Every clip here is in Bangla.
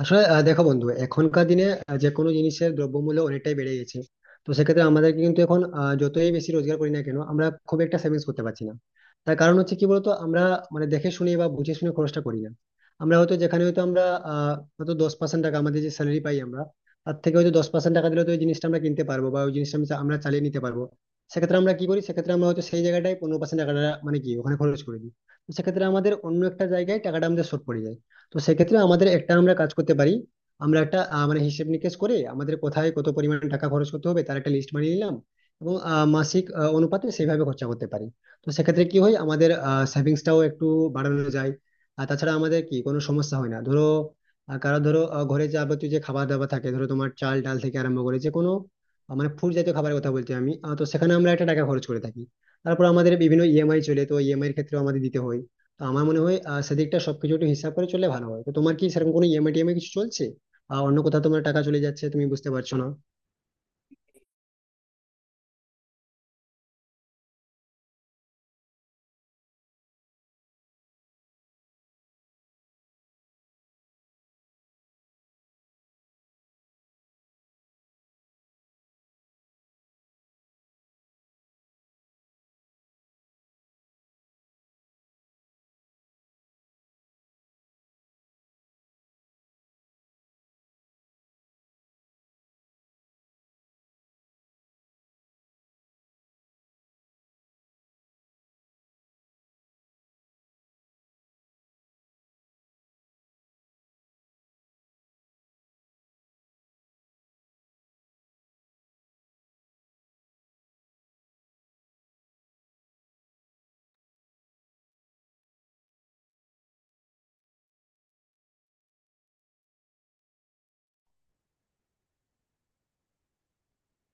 আসলে দেখো বন্ধু এখনকার দিনে যে কোনো জিনিসের দ্রব্যমূল্য অনেকটাই বেড়ে গেছে। তো সেক্ষেত্রে আমাদের কিন্তু এখন যতই বেশি রোজগার করি না কেন আমরা খুব একটা সেভিংস করতে পারছি না। তার কারণ হচ্ছে কি বলতো, আমরা মানে দেখে শুনে বা বুঝে শুনে খরচটা করি না। আমরা হয়তো যেখানে হয়তো আমরা হয়তো 10% টাকা, আমাদের যে স্যালারি পাই আমরা, তার থেকে হয়তো 10% টাকা দিলে তো ওই জিনিসটা আমরা কিনতে পারবো, বা ওই জিনিসটা আমরা চালিয়ে নিতে পারবো। সেক্ষেত্রে আমরা কি করি, সেক্ষেত্রে আমরা হয়তো সেই জায়গাটায় 15% টাকাটা মানে কি ওখানে খরচ করে দিই। তো সেক্ষেত্রে আমাদের অন্য একটা জায়গায় টাকাটা আমাদের শর্ট পড়ে যায়। তো সেক্ষেত্রে আমাদের একটা আমরা কাজ করতে পারি। আমরা একটা মানে হিসেব নিকেশ করে আমাদের কোথায় কত পরিমাণ টাকা খরচ করতে হবে তার একটা লিস্ট বানিয়ে নিলাম, এবং মাসিক অনুপাতে সেইভাবে খরচা করতে পারি। তো সেক্ষেত্রে কি হয় আমাদের, সেভিংসটাও একটু বাড়ানো যায়। আর তাছাড়া আমাদের কি কোনো সমস্যা হয় না, ধরো কারো, ধরো ঘরে যাবতীয় যে খাবার দাবার থাকে, ধরো তোমার চাল ডাল থেকে আরম্ভ করে যে কোনো মানে ফুড জাতীয় খাবারের কথা বলছি আমি, তো সেখানে আমরা একটা টাকা খরচ করে থাকি। তারপর আমাদের বিভিন্ন ইএমআই চলে, তো ইএমআই এর ক্ষেত্রেও আমাদের দিতে হয়। তো আমার মনে হয় সেদিকটা সবকিছু একটু হিসাব করে চললে ভালো হয়। তো তোমার কি সেরকম কোনো ইএমআই টিএমআই কিছু চলছে, আর অন্য কোথাও তোমার টাকা চলে যাচ্ছে তুমি বুঝতে পারছো না?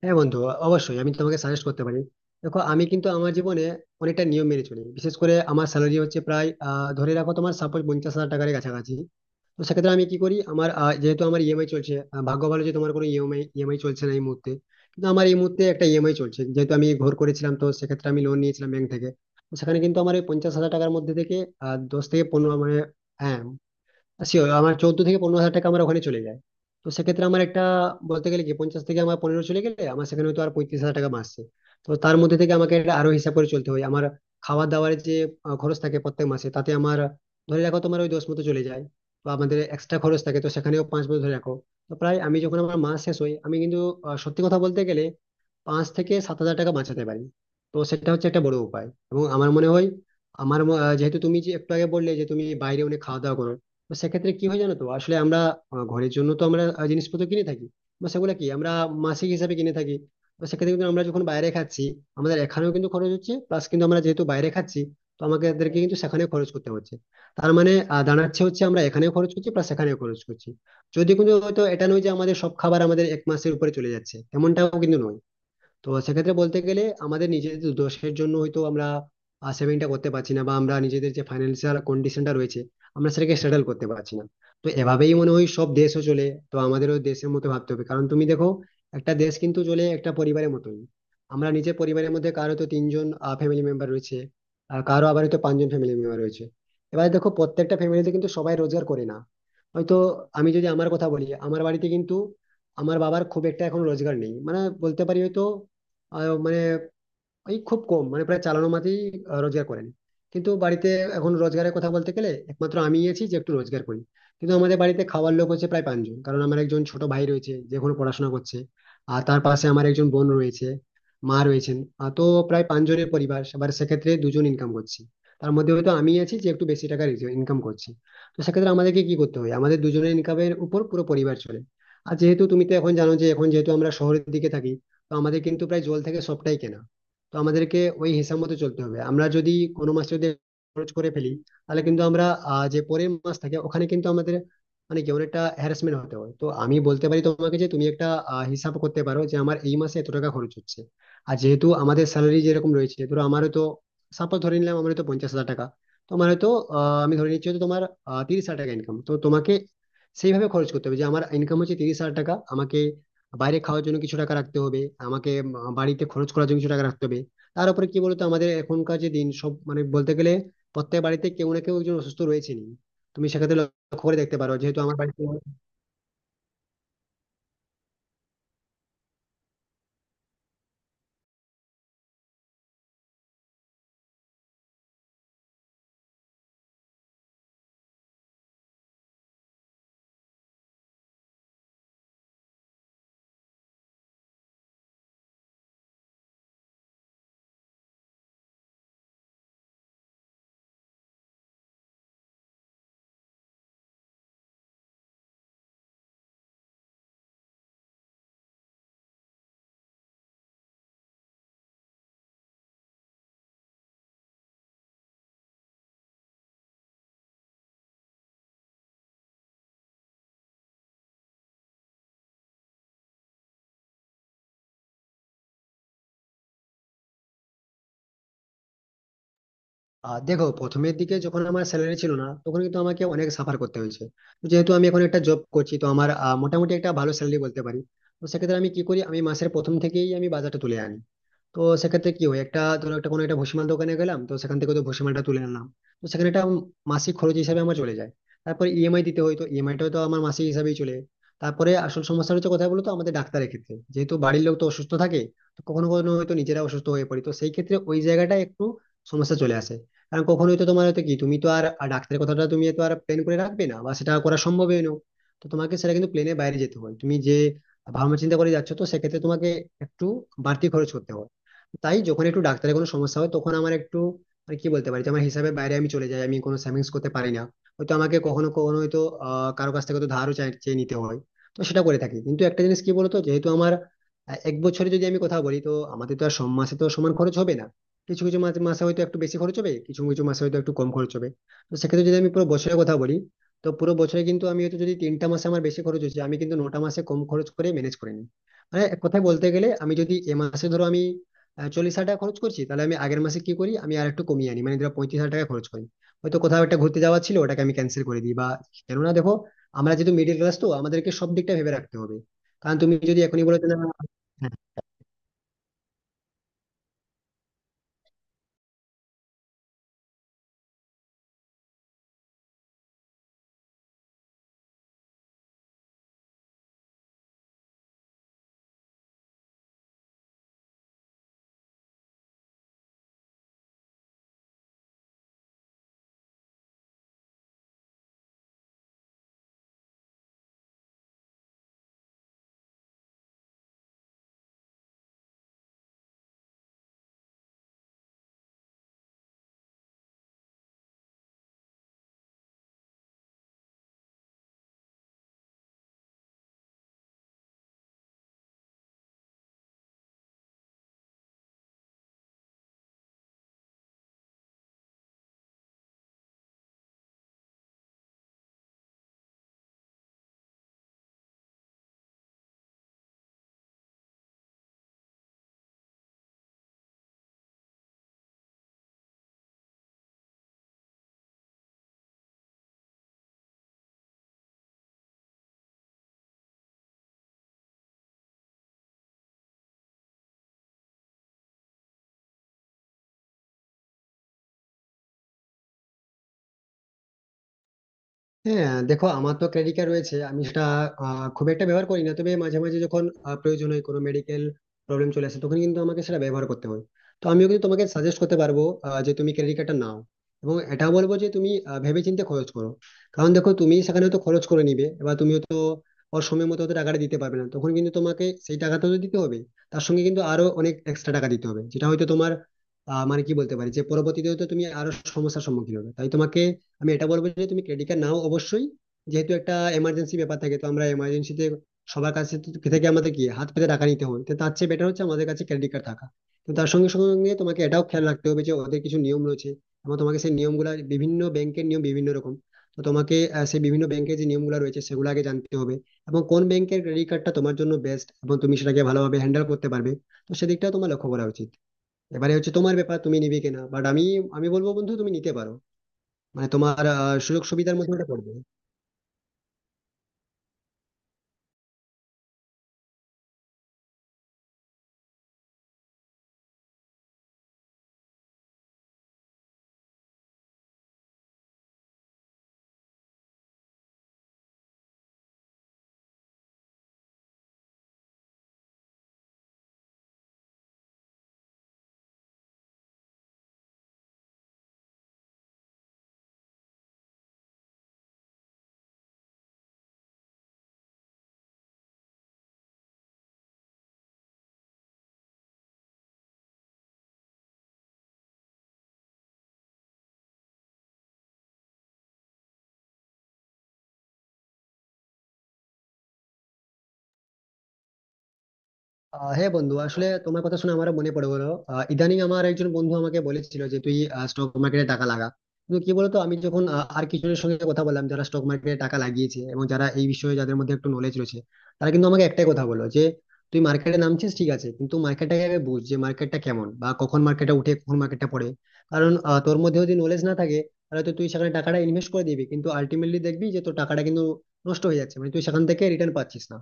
হ্যাঁ বন্ধু, অবশ্যই আমি তোমাকে সাজেস্ট করতে পারি। দেখো আমি কিন্তু আমার জীবনে অনেকটা নিয়ম মেনে চলি। বিশেষ করে আমার স্যালারি হচ্ছে প্রায়, ধরে রাখো তোমার, সাপোজ 50,000 টাকার কাছাকাছি। তো সেক্ষেত্রে আমি কি করি, আমার যেহেতু আমার ইএমআই চলছে, ভাগ্য ভালো যে তোমার কোনো ইএমআই ইএমআই চলছে না এই মুহূর্তে। কিন্তু আমার এই মুহূর্তে একটা ইএমআই চলছে, যেহেতু আমি ঘর করেছিলাম তো সেক্ষেত্রে আমি লোন নিয়েছিলাম ব্যাংক থেকে। তো সেখানে কিন্তু আমার ওই 50,000 টাকার মধ্যে থেকে 10 থেকে 15 মানে, হ্যাঁ শিওর, আমার 14 থেকে 15 হাজার টাকা আমার ওখানে চলে যায়। তো সেক্ষেত্রে আমার একটা বলতে গেলে কি, 50 থেকে আমার 15 চলে গেলে আমার সেখানে তো আর 35,000 টাকা মাসে। তো তার মধ্যে থেকে আমাকে এটা আরো হিসাব করে চলতে হয়। আমার খাওয়া দাওয়ার যে খরচ থাকে প্রত্যেক মাসে, তাতে আমার ধরে রাখো তোমার ওই দশ মতো চলে যায়। তো আমাদের এক্সট্রা খরচ থাকে, তো সেখানেও পাঁচ মতো ধরে রাখো। তো প্রায় আমি যখন আমার মাস শেষ হই আমি কিন্তু, সত্যি কথা বলতে গেলে, 5 থেকে 7 হাজার টাকা বাঁচাতে পারি। তো সেটা হচ্ছে একটা বড় উপায়। এবং আমার মনে হয়, যেহেতু তুমি যে একটু আগে বললে যে তুমি বাইরে অনেক খাওয়া দাওয়া করো, তো সেক্ষেত্রে কি হয় জানো, তো আসলে আমরা ঘরের জন্য তো আমরা জিনিসপত্র কিনে থাকি, বা সেগুলো কি আমরা মাসিক হিসাবে কিনে থাকি। তো সেক্ষেত্রে কিন্তু আমরা যখন বাইরে খাচ্ছি, আমাদের এখানেও কিন্তু খরচ হচ্ছে, প্লাস কিন্তু আমরা যেহেতু বাইরে খাচ্ছি তো আমাদেরকে কিন্তু সেখানে খরচ করতে হচ্ছে। তার মানে দাঁড়াচ্ছে হচ্ছে আমরা এখানেও খরচ করছি, প্লাস সেখানেও খরচ করছি। যদি কিন্তু হয়তো, এটা নয় যে আমাদের সব খাবার আমাদের এক মাসের উপরে চলে যাচ্ছে, এমনটাও কিন্তু নয়। তো সেক্ষেত্রে বলতে গেলে আমাদের নিজেদের দোষের জন্য হয়তো আমরা সেভিংটা করতে পারছি না, বা আমরা নিজেদের যে ফাইন্যান্সিয়াল কন্ডিশনটা রয়েছে আমরা সেটাকে সেটেল করতে পারছি না। তো এভাবেই মনে হয় সব দেশও চলে, তো আমাদেরও দেশের মতো ভাবতে হবে, কারণ তুমি দেখো একটা দেশ কিন্তু চলে একটা পরিবারের মতোই। আমরা নিজের পরিবারের মধ্যে কারো তো তিনজন ফ্যামিলি মেম্বার রয়েছে, আর কারো আবার হয়তো পাঁচজন ফ্যামিলি মেম্বার রয়েছে। এবার দেখো প্রত্যেকটা ফ্যামিলিতে কিন্তু সবাই রোজগার করে না। হয়তো আমি যদি আমার কথা বলি, আমার বাড়িতে কিন্তু আমার বাবার খুব একটা এখন রোজগার নেই, মানে বলতে পারি হয়তো আহ মানে ওই খুব কম, মানে প্রায় চালানো মাত্রই রোজগার করেন। কিন্তু বাড়িতে এখন রোজগারের কথা বলতে গেলে একমাত্র আমি আছি যে একটু রোজগার করি। কিন্তু আমাদের বাড়িতে খাওয়ার লোক হচ্ছে প্রায় পাঁচজন, কারণ আমার একজন ছোট ভাই রয়েছে যে এখনো পড়াশোনা করছে, আর তার পাশে আমার একজন বোন রয়েছে, মা রয়েছেন। তো প্রায় পাঁচজনের পরিবার, এবার সেক্ষেত্রে দুজন ইনকাম করছি। তার মধ্যে হয়তো আমি আছি যে একটু বেশি টাকা ইনকাম করছি। তো সেক্ষেত্রে আমাদেরকে কি করতে হয়, আমাদের দুজনের ইনকামের উপর পুরো পরিবার চলে। আর যেহেতু তুমি তো এখন জানো যে এখন যেহেতু আমরা শহরের দিকে থাকি, তো আমাদের কিন্তু প্রায় জল থেকে সবটাই কেনা। তো আমাদেরকে ওই হিসাব মতো চলতে হবে। আমরা যদি কোনো মাসে যদি খরচ করে ফেলি তাহলে কিন্তু আমরা যে পরের মাস থাকে ওখানে কিন্তু আমাদের মানে কি অনেকটা হ্যারাসমেন্ট হতে হয়। তো আমি বলতে পারি তোমাকে যে তুমি একটা হিসাব করতে পারো যে আমার এই মাসে এত টাকা খরচ হচ্ছে। আর যেহেতু আমাদের স্যালারি যেরকম রয়েছে, ধরো আমারও তো সাপোজ ধরে নিলাম আমার তো 50,000 টাকা, তোমার হয়তো আহ, আমি ধরে নিচ্ছি হয়তো তোমার 30,000 টাকা ইনকাম। তো তোমাকে সেইভাবে খরচ করতে হবে যে আমার ইনকাম হচ্ছে 30,000 টাকা, আমাকে বাইরে খাওয়ার জন্য কিছু টাকা রাখতে হবে, আমাকে বাড়িতে খরচ করার জন্য কিছু টাকা রাখতে হবে। তার উপরে কি বলতো, আমাদের এখনকার যে দিন, সব মানে বলতে গেলে প্রত্যেক বাড়িতে কেউ না কেউ একজন অসুস্থ রয়েছেনই। তুমি সেক্ষেত্রে লক্ষ্য করে দেখতে পারো যেহেতু আমার বাড়িতে দেখো, প্রথমের দিকে যখন আমার স্যালারি ছিল না তখন কিন্তু আমাকে অনেক সাফার করতে হয়েছে। তো যেহেতু আমি এখন একটা জব করছি তো আমার মোটামুটি একটা ভালো স্যালারি বলতে পারি। তো সেক্ষেত্রে আমি কি করি, আমি মাসের প্রথম থেকেই আমি বাজারটা তুলে আনি। তো সেক্ষেত্রে কি হয়, একটা ধরো একটা কোনো একটা ভুসিমাল দোকানে গেলাম তো সেখান থেকে তো ভুসিমালটা তুলে নিলাম। তো সেখানে একটা মাসিক খরচ হিসাবে আমার চলে যায়। তারপরে ইএমআই দিতে হয়, তো ইএমআইটাও তো আমার মাসিক হিসাবেই চলে যায়। তারপরে আসল সমস্যা হচ্ছে কোথায় বলতো, আমাদের ডাক্তারের ক্ষেত্রে, যেহেতু বাড়ির লোক তো অসুস্থ থাকে, তো কখনো কখনো হয়তো নিজেরা অসুস্থ হয়ে পড়ি, তো সেই ক্ষেত্রে ওই জায়গাটা একটু সমস্যা চলে আসে। কারণ কখনো হয়তো তোমার হয়তো কি, তুমি তো আর আর ডাক্তারের কথাটা তুমি তো আর প্ল্যান করে রাখবে না, বা সেটা করা সম্ভবই নয়। তো তোমাকে সেটা কিন্তু প্লেনের বাইরে যেতে হয়, তুমি যে ভাবনা চিন্তা করে যাচ্ছ, তো সেক্ষেত্রে তোমাকে একটু বাড়তি খরচ করতে হয়। তাই যখন একটু ডাক্তারের কোনো সমস্যা হয় তখন আমার একটু মানে কি বলতে পারি যে আমার হিসাবের বাইরে আমি চলে যাই, আমি কোনো সেভিংস করতে পারি না। হয়তো আমাকে কখনো কখনো হয়তো কারো কাছ থেকে হয়তো ধারও চেয়ে নিতে হয়। তো সেটা করে থাকি। কিন্তু একটা জিনিস কি বলতো, যেহেতু আমার এক বছরে যদি আমি কথা বলি, তো আমাদের তো আর সব মাসে তো সমান খরচ হবে না। কিছু কিছু মাসে মাসে হয়তো একটু বেশি খরচ হবে, কিছু কিছু মাসে হয়তো একটু কম খরচ হবে। তো সেক্ষেত্রে যদি আমি পুরো বছরের কথা বলি, তো পুরো বছরে কিন্তু আমি হয়তো যদি 3টা মাসে আমার বেশি খরচ হচ্ছে, আমি কিন্তু 9টা মাসে কম খরচ করে ম্যানেজ করে নিই। মানে এক কথায় বলতে গেলে আমি যদি এ মাসে ধরো আমি 40,000 টাকা খরচ করছি, তাহলে আমি আগের মাসে কি করি, আমি আর একটু কমিয়ে আনি মানে ধরো 35,000 টাকা খরচ করি। হয়তো কোথাও একটা ঘুরতে যাওয়া ছিল ওটাকে আমি ক্যান্সেল করে দিই। বা কেননা দেখো, আমরা যেহেতু মিডিল ক্লাস তো আমাদেরকে সব দিকটা ভেবে রাখতে হবে। কারণ তুমি যদি এখনই বলে যে না। হ্যাঁ দেখো, আমার তো ক্রেডিট কার্ড রয়েছে, আমি সেটা খুব একটা ব্যবহার করি না, তবে মাঝে মাঝে যখন প্রয়োজন হয়, কোনো মেডিকেল প্রবলেম চলে আসে তখন কিন্তু আমাকে সেটা ব্যবহার করতে হয়। তো আমিও কিন্তু তোমাকে সাজেস্ট করতে পারবো যে তুমি ক্রেডিট কার্ডটা নাও, এবং এটা বলবো যে তুমি ভেবেচিন্তে খরচ করো। কারণ দেখো তুমি সেখানে তো খরচ করে নিবে, এবার তুমি তো ওর সময় মতো হয়তো টাকাটা দিতে পারবে না, তখন কিন্তু তোমাকে সেই টাকাটা তো দিতে হবে, তার সঙ্গে কিন্তু আরো অনেক এক্সট্রা টাকা দিতে হবে, যেটা হয়তো তোমার মানে কি বলতে পারি যে পরবর্তীতে তো তুমি আরো সমস্যার সম্মুখীন হবে। তাই তোমাকে আমি এটা বলবো যে তুমি ক্রেডিট কার্ড নাও অবশ্যই, যেহেতু একটা এমার্জেন্সি ব্যাপার থাকে, তো আমরা এমার্জেন্সিতে সবার কাছে থেকে আমাদের কি হাত পেতে টাকা নিতে হয়, তো তার চেয়ে বেটার হচ্ছে আমাদের কাছে ক্রেডিট কার্ড থাকা। তো তার সঙ্গে সঙ্গে তোমাকে এটাও খেয়াল রাখতে হবে যে ওদের কিছু নিয়ম রয়েছে, এবং তোমাকে সেই নিয়মগুলা, বিভিন্ন ব্যাংকের নিয়ম বিভিন্ন রকম, তো তোমাকে সেই বিভিন্ন ব্যাংকের যে নিয়মগুলো রয়েছে সেগুলো আগে জানতে হবে, এবং কোন ব্যাংকের ক্রেডিট কার্ডটা তোমার জন্য বেস্ট এবং তুমি সেটাকে ভালোভাবে হ্যান্ডেল করতে পারবে। তো সেদিকটা তোমার লক্ষ্য করা উচিত। এবারে হচ্ছে তোমার ব্যাপার, তুমি নিবে কিনা, বাট আমি আমি বলবো বন্ধু, তুমি নিতে পারো, মানে তোমার সুযোগ সুবিধার মধ্যে ওটা পড়বে। হ্যাঁ বন্ধু, আসলে তোমার কথা শুনে আমারও মনে পড়ে গেলো। ইদানিং আমার একজন বন্ধু আমাকে বলেছিল যে তুই স্টক মার্কেটে টাকা লাগা। কিন্তু কি বলতো, আমি যখন আর কিছুজনের সঙ্গে কথা বললাম, যারা স্টক মার্কেটে টাকা লাগিয়েছে এবং যারা এই বিষয়ে যাদের মধ্যে একটু নলেজ রয়েছে, তারা কিন্তু আমাকে একটাই কথা বললো যে তুই মার্কেটে নামছিস ঠিক আছে, কিন্তু মার্কেটটাকে আগে বুঝ, যে মার্কেটটা কেমন, বা কখন মার্কেটটা উঠে কখন মার্কেটটা পড়ে। কারণ তোর মধ্যে যদি নলেজ না থাকে, তাহলে তো তুই সেখানে টাকাটা ইনভেস্ট করে দিবি, কিন্তু আলটিমেটলি দেখবি যে তোর টাকাটা কিন্তু নষ্ট হয়ে যাচ্ছে মানে তুই সেখান থেকে রিটার্ন পাচ্ছিস না।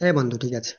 হ্যাঁ বন্ধু ঠিক আছে।